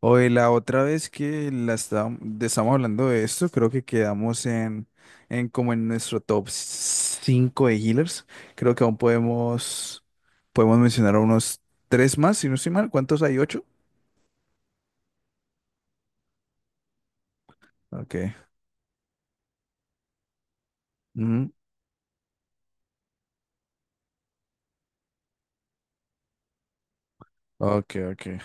Oye, la otra vez que estábamos hablando de esto, creo que quedamos en como en nuestro top 5 de healers. Creo que podemos mencionar a unos 3 más, si no estoy mal. ¿Cuántos hay? Ocho. Ok. Ujú. Ok, ok.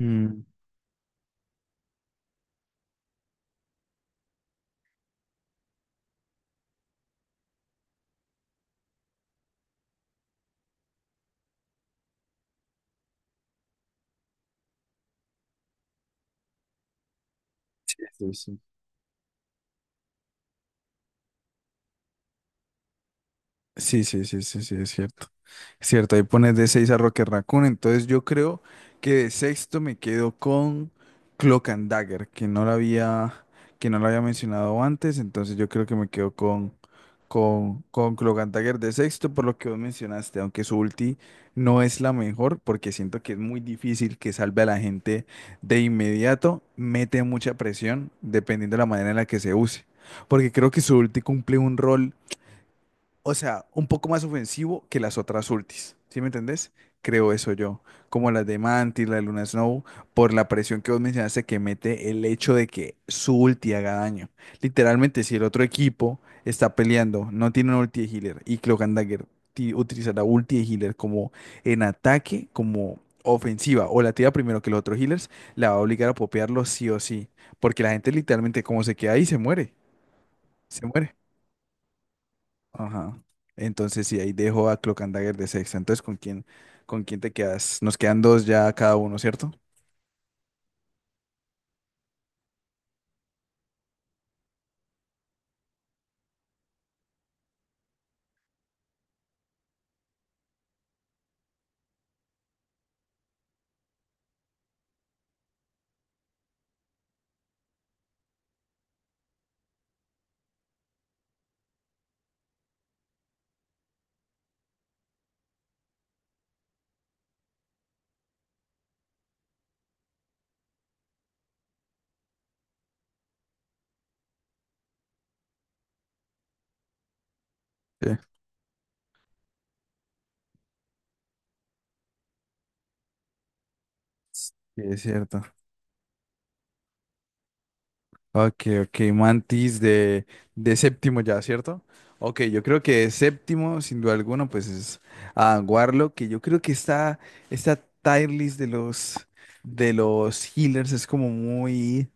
Mm, sí, sí. Sí, sí, sí, sí, sí, es cierto. Cierto, ahí pones de 6 a Rocket Raccoon. Entonces yo creo que de sexto me quedo con Cloak and Dagger, que no la había mencionado antes. Entonces yo creo que me quedo con Cloak and Dagger de sexto, por lo que vos mencionaste, aunque su ulti no es la mejor, porque siento que es muy difícil que salve a la gente de inmediato. Mete mucha presión, dependiendo de la manera en la que se use. Porque creo que su ulti cumple un rol, o sea, un poco más ofensivo que las otras ultis, ¿sí me entendés? Creo eso yo, como las de Mantis, la de Luna Snow, por la presión que vos mencionaste que mete el hecho de que su ulti haga daño. Literalmente, si el otro equipo está peleando, no tiene una ulti de healer y Cloak and Dagger utiliza la ulti de healer como en ataque, como ofensiva, o la tira primero que los otros healers, la va a obligar a popearlo sí o sí, porque la gente literalmente como se queda ahí se muere, se muere. Ajá. Entonces, sí, ahí dejo a Cloak and Dagger de sexta. Entonces, con quién te quedas? Nos quedan dos ya cada uno, ¿cierto? Sí. Sí, es cierto. Ok, ok, Mantis de séptimo ya, ¿cierto? Ok, yo creo que de séptimo, sin duda alguna, pues es a Warlock, que yo creo que está, esta tier list de los healers es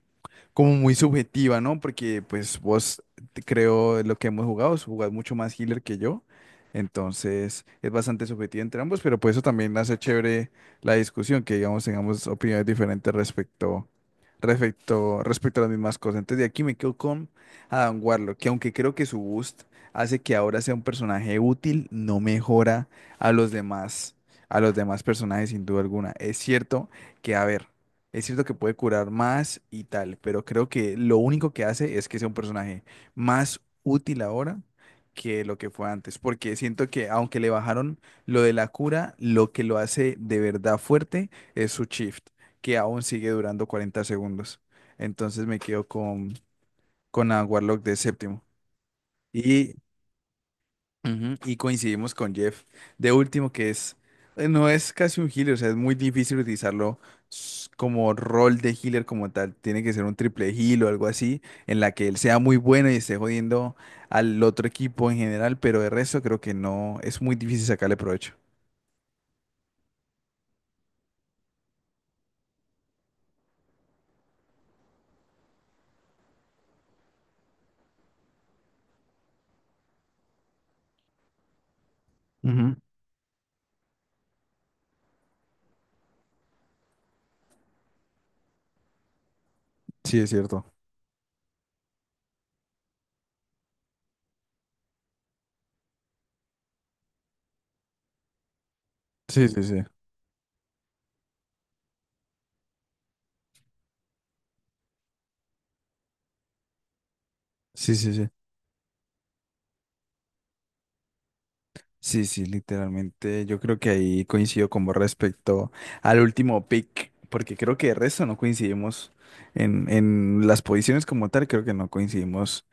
como muy subjetiva, ¿no? Porque pues vos creo lo que hemos jugado, jugás mucho más healer que yo. Entonces es bastante subjetivo entre ambos, pero por eso también hace chévere la discusión, que digamos tengamos opiniones diferentes respecto a las mismas cosas. Entonces de aquí me quedo con Adam Warlock, que aunque creo que su boost hace que ahora sea un personaje útil, no mejora a los demás, a los demás personajes sin duda alguna. Es cierto que, a ver. Es cierto que puede curar más y tal, pero creo que lo único que hace es que sea un personaje más útil ahora que lo que fue antes, porque siento que aunque le bajaron lo de la cura, lo que lo hace de verdad fuerte es su shift, que aún sigue durando 40 segundos. Entonces me quedo con a Warlock de séptimo. Y Ujú, y coincidimos con Jeff. De último, que es, no es casi un healer, o sea, es muy difícil utilizarlo como rol de healer como tal. Tiene que ser un triple heal o algo así, en la que él sea muy bueno y esté jodiendo al otro equipo en general, pero de resto creo que no, es muy difícil sacarle provecho. Ujú. Sí, es cierto. Sí, sí, sí. Sí, sí, sí. Sí, sí, literalmente. Yo creo que ahí coincido con vos respecto al último pick, porque creo que de resto no coincidimos en las posiciones como tal, creo que no coincidimos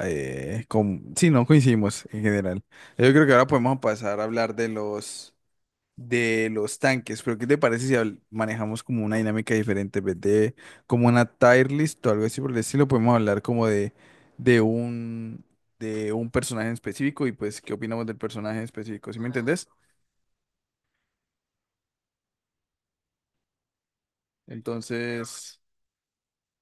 con... Sí, no coincidimos en general. Yo creo que ahora podemos pasar a hablar de los tanques, pero ¿qué te parece si manejamos como una dinámica diferente? En vez de como una tier list o algo así por el estilo, podemos hablar como de un, de un personaje en específico y pues qué opinamos del personaje en específico, ¿sí me entendés? Entonces,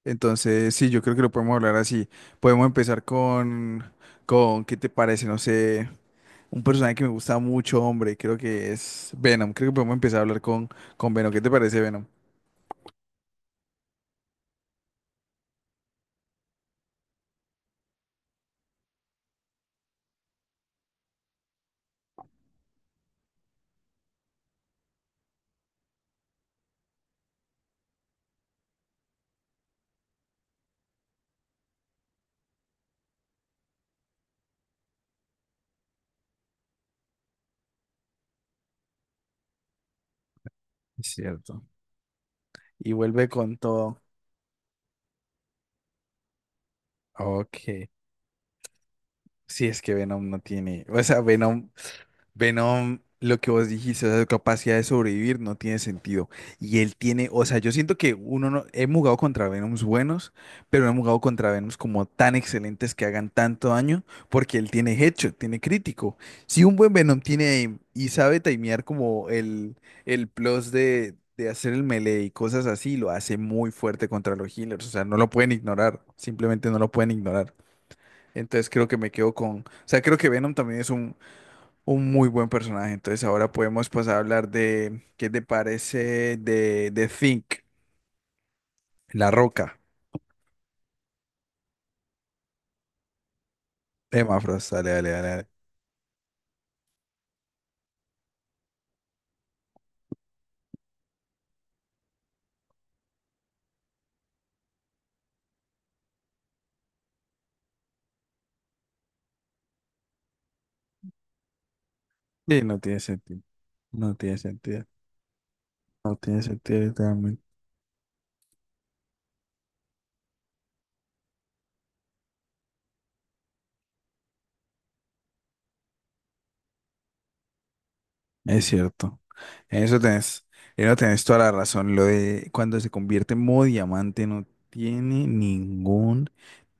entonces sí, yo creo que lo podemos hablar así. Podemos empezar con ¿qué te parece? No sé. Un personaje que me gusta mucho, hombre, creo que es Venom. Creo que podemos empezar a hablar con Venom. ¿Qué te parece, Venom? Es cierto. Y vuelve con todo. Ok. Sí, es que Venom no tiene. O sea, Venom Venom, lo que vos dijiste, esa capacidad de sobrevivir no tiene sentido. Y él tiene, o sea, yo siento que uno no, hemos jugado contra Venoms buenos, pero hemos jugado contra Venoms como tan excelentes que hagan tanto daño, porque él tiene headshot, tiene crítico. Si un buen Venom tiene aim y sabe timear como el plus de hacer el melee y cosas así, lo hace muy fuerte contra los healers. O sea, no lo pueden ignorar, simplemente no lo pueden ignorar. Entonces creo que me quedo con, o sea, creo que Venom también es un muy buen personaje. Entonces ahora podemos pasar a hablar de qué te parece de Think, La Roca. Emma Frost, dale, dale, dale, dale. Sí, no tiene sentido. No tiene sentido. No tiene sentido, literalmente. Es cierto. En eso tenés, en eso tenés toda la razón. Lo de cuando se convierte en modo diamante no tiene ningún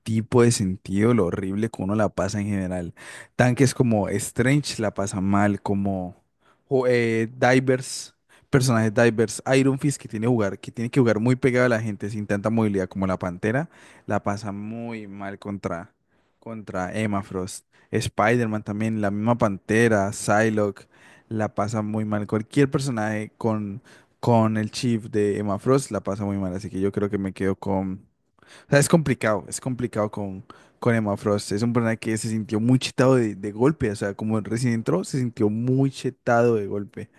tipo de sentido lo horrible que uno la pasa en general. Tanques como Strange la pasan mal, como Divers, personajes Divers, Iron Fist que tiene, jugar, que tiene que jugar muy pegado a la gente sin tanta movilidad como la Pantera, la pasa muy mal contra, contra Emma Frost. Spider-Man también, la misma Pantera, Psylocke la pasa muy mal. Cualquier personaje con el Chief de Emma Frost la pasa muy mal. Así que yo creo que me quedo con. O sea, es complicado con Emma Frost. Es un personaje que se sintió muy chetado de golpe. O sea, como recién entró, se sintió muy chetado de golpe.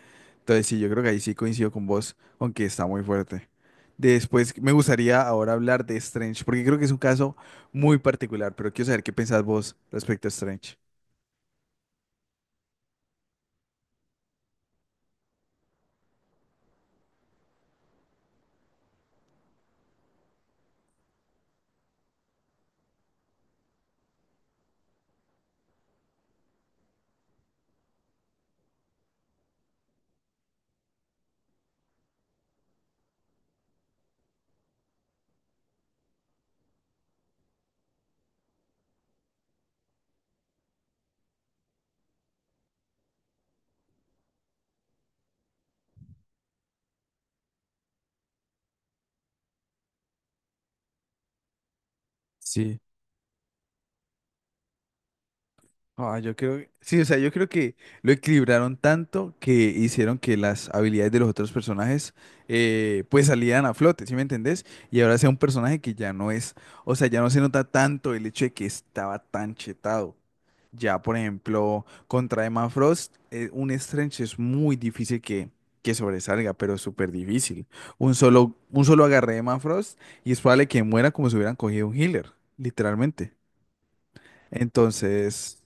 Entonces, sí, yo creo que ahí sí coincido con vos, aunque está muy fuerte. Después me gustaría ahora hablar de Strange, porque creo que es un caso muy particular, pero quiero saber qué pensás vos respecto a Strange. Sí. Ah, yo creo, sí, o sea, yo creo que lo equilibraron tanto que hicieron que las habilidades de los otros personajes pues salieran a flote, ¿sí me entendés? Y ahora sea un personaje que ya no es, o sea, ya no se nota tanto el hecho de que estaba tan chetado. Ya, por ejemplo, contra Emma Frost, un Strange es muy difícil que sobresalga, pero súper difícil. Un solo agarre de Emma Frost y es probable que muera como si hubieran cogido un healer, literalmente. Entonces...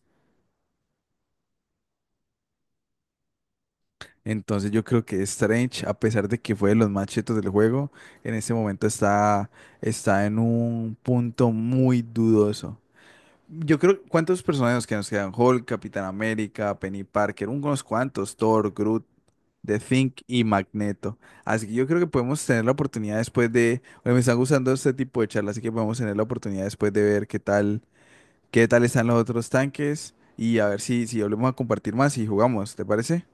Entonces yo creo que Strange, a pesar de que fue de los más chetos del juego, en este momento está, está en un punto muy dudoso. Yo creo, ¿cuántos personajes que nos quedan? Hulk, Capitán América, Penny Parker, unos cuantos, Thor, Groot, The Thing y Magneto. Así que yo creo que podemos tener la oportunidad después de, oye, me están gustando este tipo de charlas, así que podemos tener la oportunidad después de ver qué tal están los otros tanques y a ver si, si volvemos a compartir más y jugamos, ¿te parece?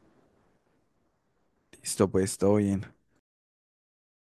Listo, pues todo bien.